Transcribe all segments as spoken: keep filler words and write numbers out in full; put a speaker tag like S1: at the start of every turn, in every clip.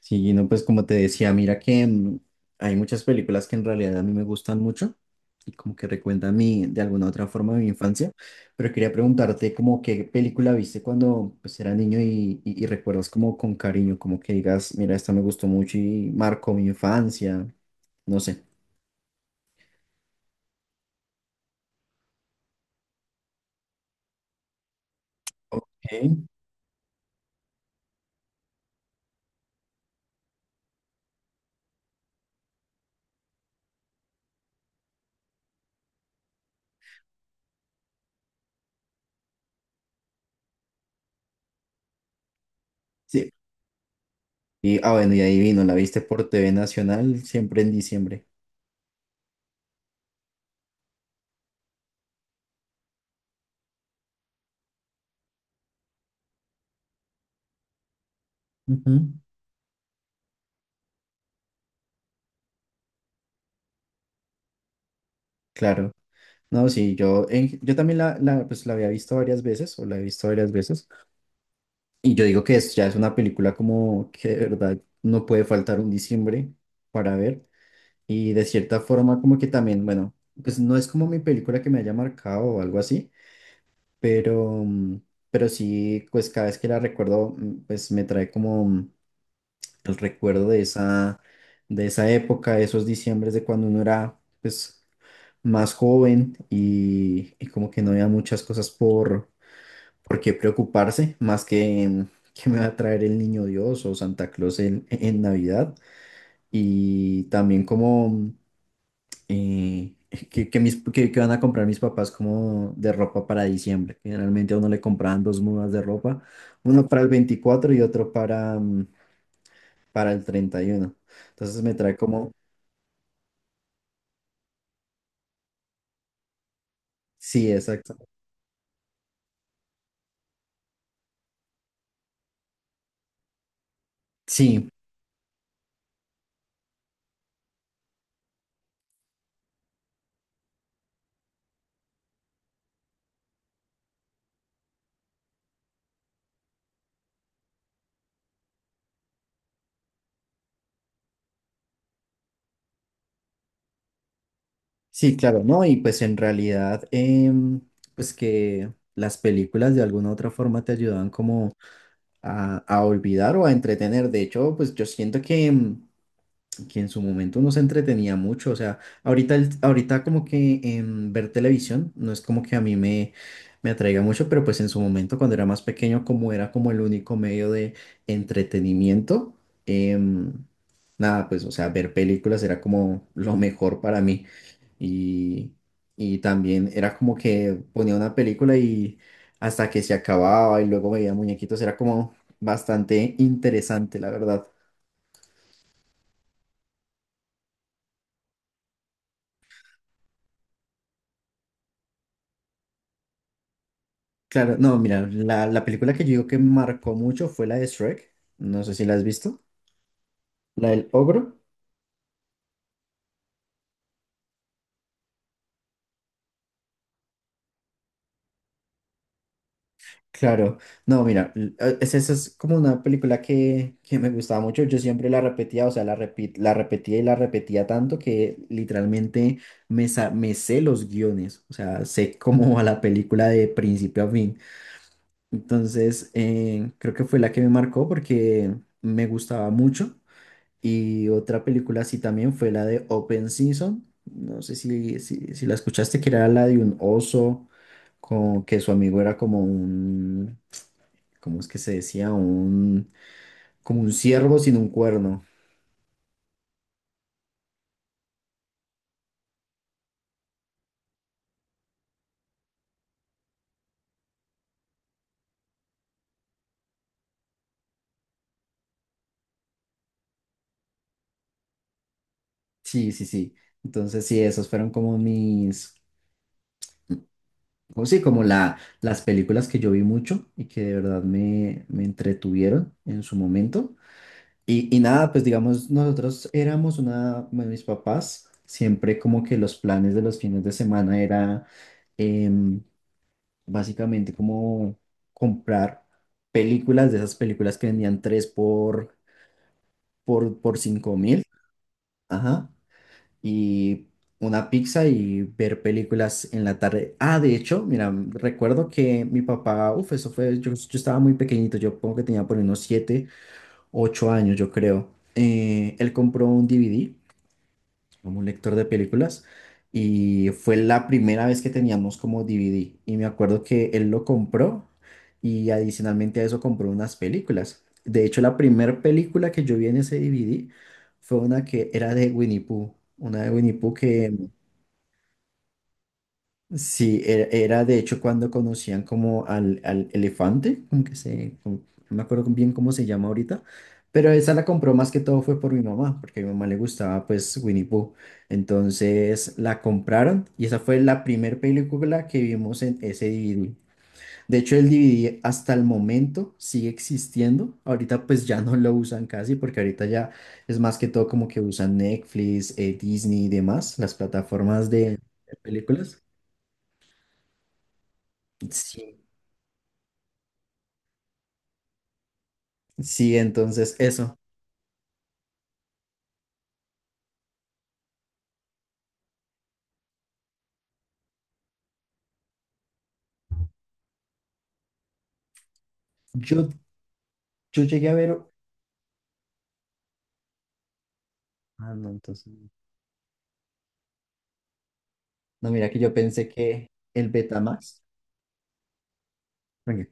S1: Sí, no, pues como te decía, mira que mm, hay muchas películas que en realidad a mí me gustan mucho y como que recuentan mi, de alguna otra forma mi infancia, pero quería preguntarte como qué película viste cuando pues era niño y, y, y recuerdas como con cariño, como que digas, mira, esta me gustó mucho y marcó mi infancia, no sé. Ok, sí. Y, ah, bueno, y ahí vino, la viste por T V Nacional siempre en diciembre. Ujú. Claro. No, sí, yo, en- yo también la, la, pues, la había visto varias veces, o la he visto varias veces. Y yo digo que es, ya es una película como que de verdad no puede faltar un diciembre para ver. Y de cierta forma como que también, bueno, pues no es como mi película que me haya marcado o algo así, pero, mm, pero sí, pues cada vez que la recuerdo, mm, pues me trae como mm, el recuerdo de esa, de esa época, de esos diciembres de cuando uno era pues más joven y, y como que no había muchas cosas por. ¿Por qué preocuparse más que que me va a traer el niño Dios o Santa Claus en, en Navidad? Y también como eh, que, que mis, que, que van a comprar mis papás como de ropa para diciembre. Generalmente a uno le compraban dos mudas de ropa, uno para el veinticuatro y otro para, mm, para el treinta y uno. Entonces me trae como, sí, exacto. Sí, sí, claro, ¿no? Y pues en realidad, em, pues que las películas de alguna u otra forma te ayudaban como a, a olvidar o a entretener. De hecho, pues yo siento que mm, que en su momento nos entretenía mucho. O sea, ahorita, el- ahorita como que em, ver televisión no es como que a mí me, me atraiga mucho, pero pues en su momento cuando era más pequeño, como era como el único medio de entretenimiento, em, nada, pues o sea, ver películas era como lo mejor para mí. Y, y también era como que ponía una película y hasta que se acababa y luego veía muñequitos, era como bastante interesante, la verdad. Claro, no, mira, la, la película que yo digo que me marcó mucho fue la de Shrek. No sé si la has visto. La del ogro. Claro, no, mira, l- eh, es- esa es como una película que, que me gustaba mucho. Yo siempre la repetía, o sea, la, repit- la repetía y la repetía tanto que literalmente me, sa- me sé los guiones. O sea, sé cómo va la película de principio a fin. Entonces, eh, creo que fue la que me marcó porque me gustaba mucho. Y otra película así también fue la de Open Season. No sé si, si, si la escuchaste, que era la de un oso, con, que su amigo era como un, ¿cómo es que se decía? Un, como un ciervo sin un cuerno. Sí, sí, sí. Entonces sí, esas fueron como mis, como sí, como la, las películas que yo vi mucho y que de verdad me, me entretuvieron en su momento. Y, y nada, pues digamos, nosotros éramos una, bueno, mis papás, siempre como que los planes de los fines de semana era em, básicamente como comprar películas de esas películas que vendían tres por, por, por cinco mil, ajá, y una pizza y ver películas en la tarde. Ah, de hecho, mira, recuerdo que mi papá, uff, eso fue, yo, yo estaba muy pequeñito, yo pongo que tenía por ahí unos siete ocho años, yo creo. Eh, él compró un D V D como un lector de películas y fue la primera vez que teníamos como D V D y me acuerdo que él lo compró y adicionalmente a eso compró unas películas. De hecho, la primera película que yo vi en ese D V D fue una que era de Winnie Pooh, una de Winnie Pooh que. Sí, era, era de hecho cuando conocían como al, al elefante, como que se, como- no me acuerdo bien cómo se llama ahorita, pero esa la compró más que todo fue por mi mamá, porque a mi mamá le gustaba pues Winnie Pooh. Entonces la compraron y esa fue la primer película que vimos en ese D V D. De hecho el D V D hasta el momento sigue existiendo, ahorita pues ya no lo usan casi porque ahorita ya es más que todo como que usan Netflix, eh, Disney y demás, las plataformas de de películas. Sí, sí, entonces eso. Yo, yo llegué a ver. Ah, no, entonces. No, mira que yo pensé que el Betamax. Venga.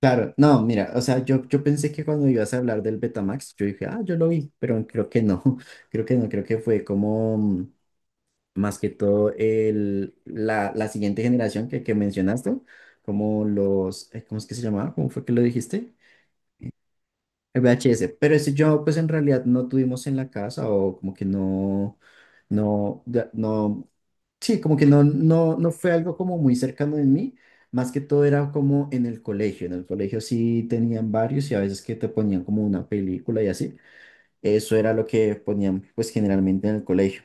S1: Claro, no, mira, o sea, yo, yo pensé que cuando ibas a hablar del Betamax, yo dije, ah, yo lo vi, pero creo que no, creo que no, creo que fue como mm, más que todo el, la, la siguiente generación que, que mencionaste, como los, eh, ¿cómo es que se llamaba? ¿Cómo fue que lo dijiste? El V H S, pero ese yo pues en realidad no tuvimos en la casa o como que no, no, ya- no. Sí, como que no, no, no fue algo como muy cercano en mí, más que todo era como en el colegio. En el colegio sí tenían varios y a veces que te ponían como una película y así. Eso era lo que ponían pues generalmente en el colegio.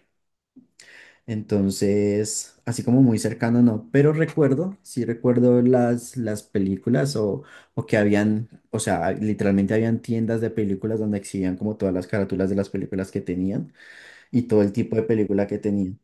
S1: Entonces, así como muy cercano no, pero recuerdo, sí recuerdo las, las películas o, o que habían, o sea, literalmente habían tiendas de películas donde exhibían como todas las carátulas de las películas que tenían y todo el tipo de película que tenían.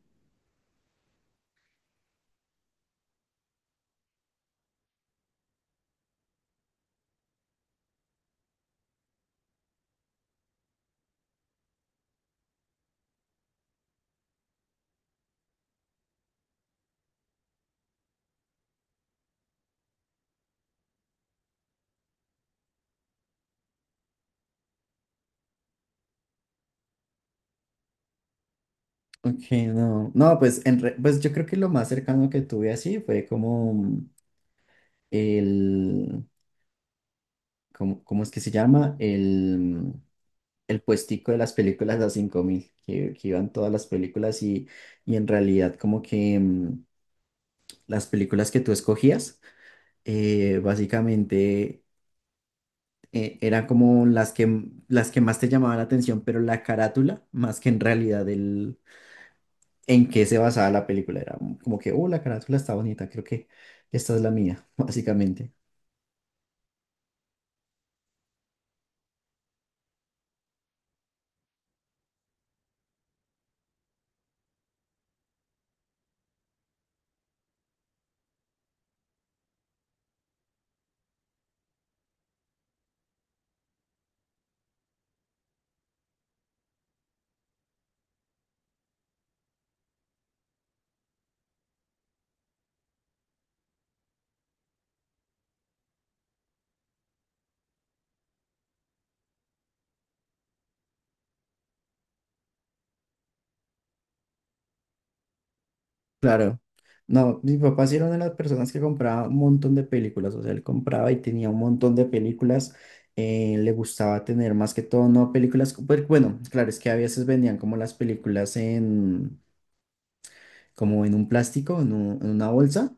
S1: Ok, no. No, pues, en re- pues yo creo que lo más cercano que tuve así fue como el, como, ¿cómo es que se llama? El, el puestico de las películas a cinco mil que, que iban todas las películas y, y en realidad como que mm, las películas que tú escogías, eh, básicamente eh, eran como las que, las que más te llamaban la atención, pero la carátula, más que en realidad en qué se basaba la película. Era como que, oh, la carátula está bonita, creo que esta es la mía, básicamente. Claro. No, mi papá sí era una de las personas que compraba un montón de películas, o sea, él compraba y tenía un montón de películas, eh, le gustaba tener más que todo, no películas, co- pues, bueno, claro, es que a veces vendían como las películas en, como en un plástico, en, un- en una bolsa,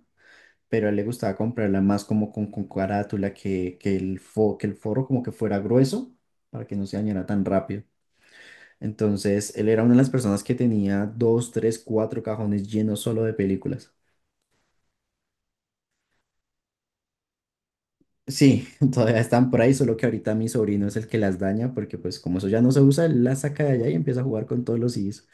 S1: pero a él le gustaba comprarla más como con, con carátula, que, que el fo- que el forro como que fuera grueso, para que no se dañara tan rápido. Entonces, él era una de las personas que tenía dos, tres, cuatro cajones llenos solo de películas. Sí, todavía están por ahí, solo que ahorita mi sobrino es el que las daña, porque pues como eso ya no se usa, él las saca de allá y empieza a jugar con todos los C Ds.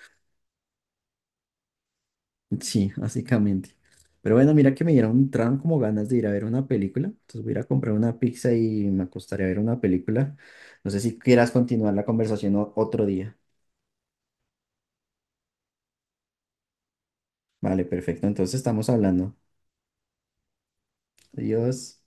S1: Sí, básicamente. Pero bueno, mira que me dieron, entraron como ganas de ir a ver una película. Entonces voy a ir a comprar una pizza y me acostaré a ver una película. No sé si quieras continuar la conversación o- otro día. Vale, perfecto. Entonces estamos hablando. Adiós.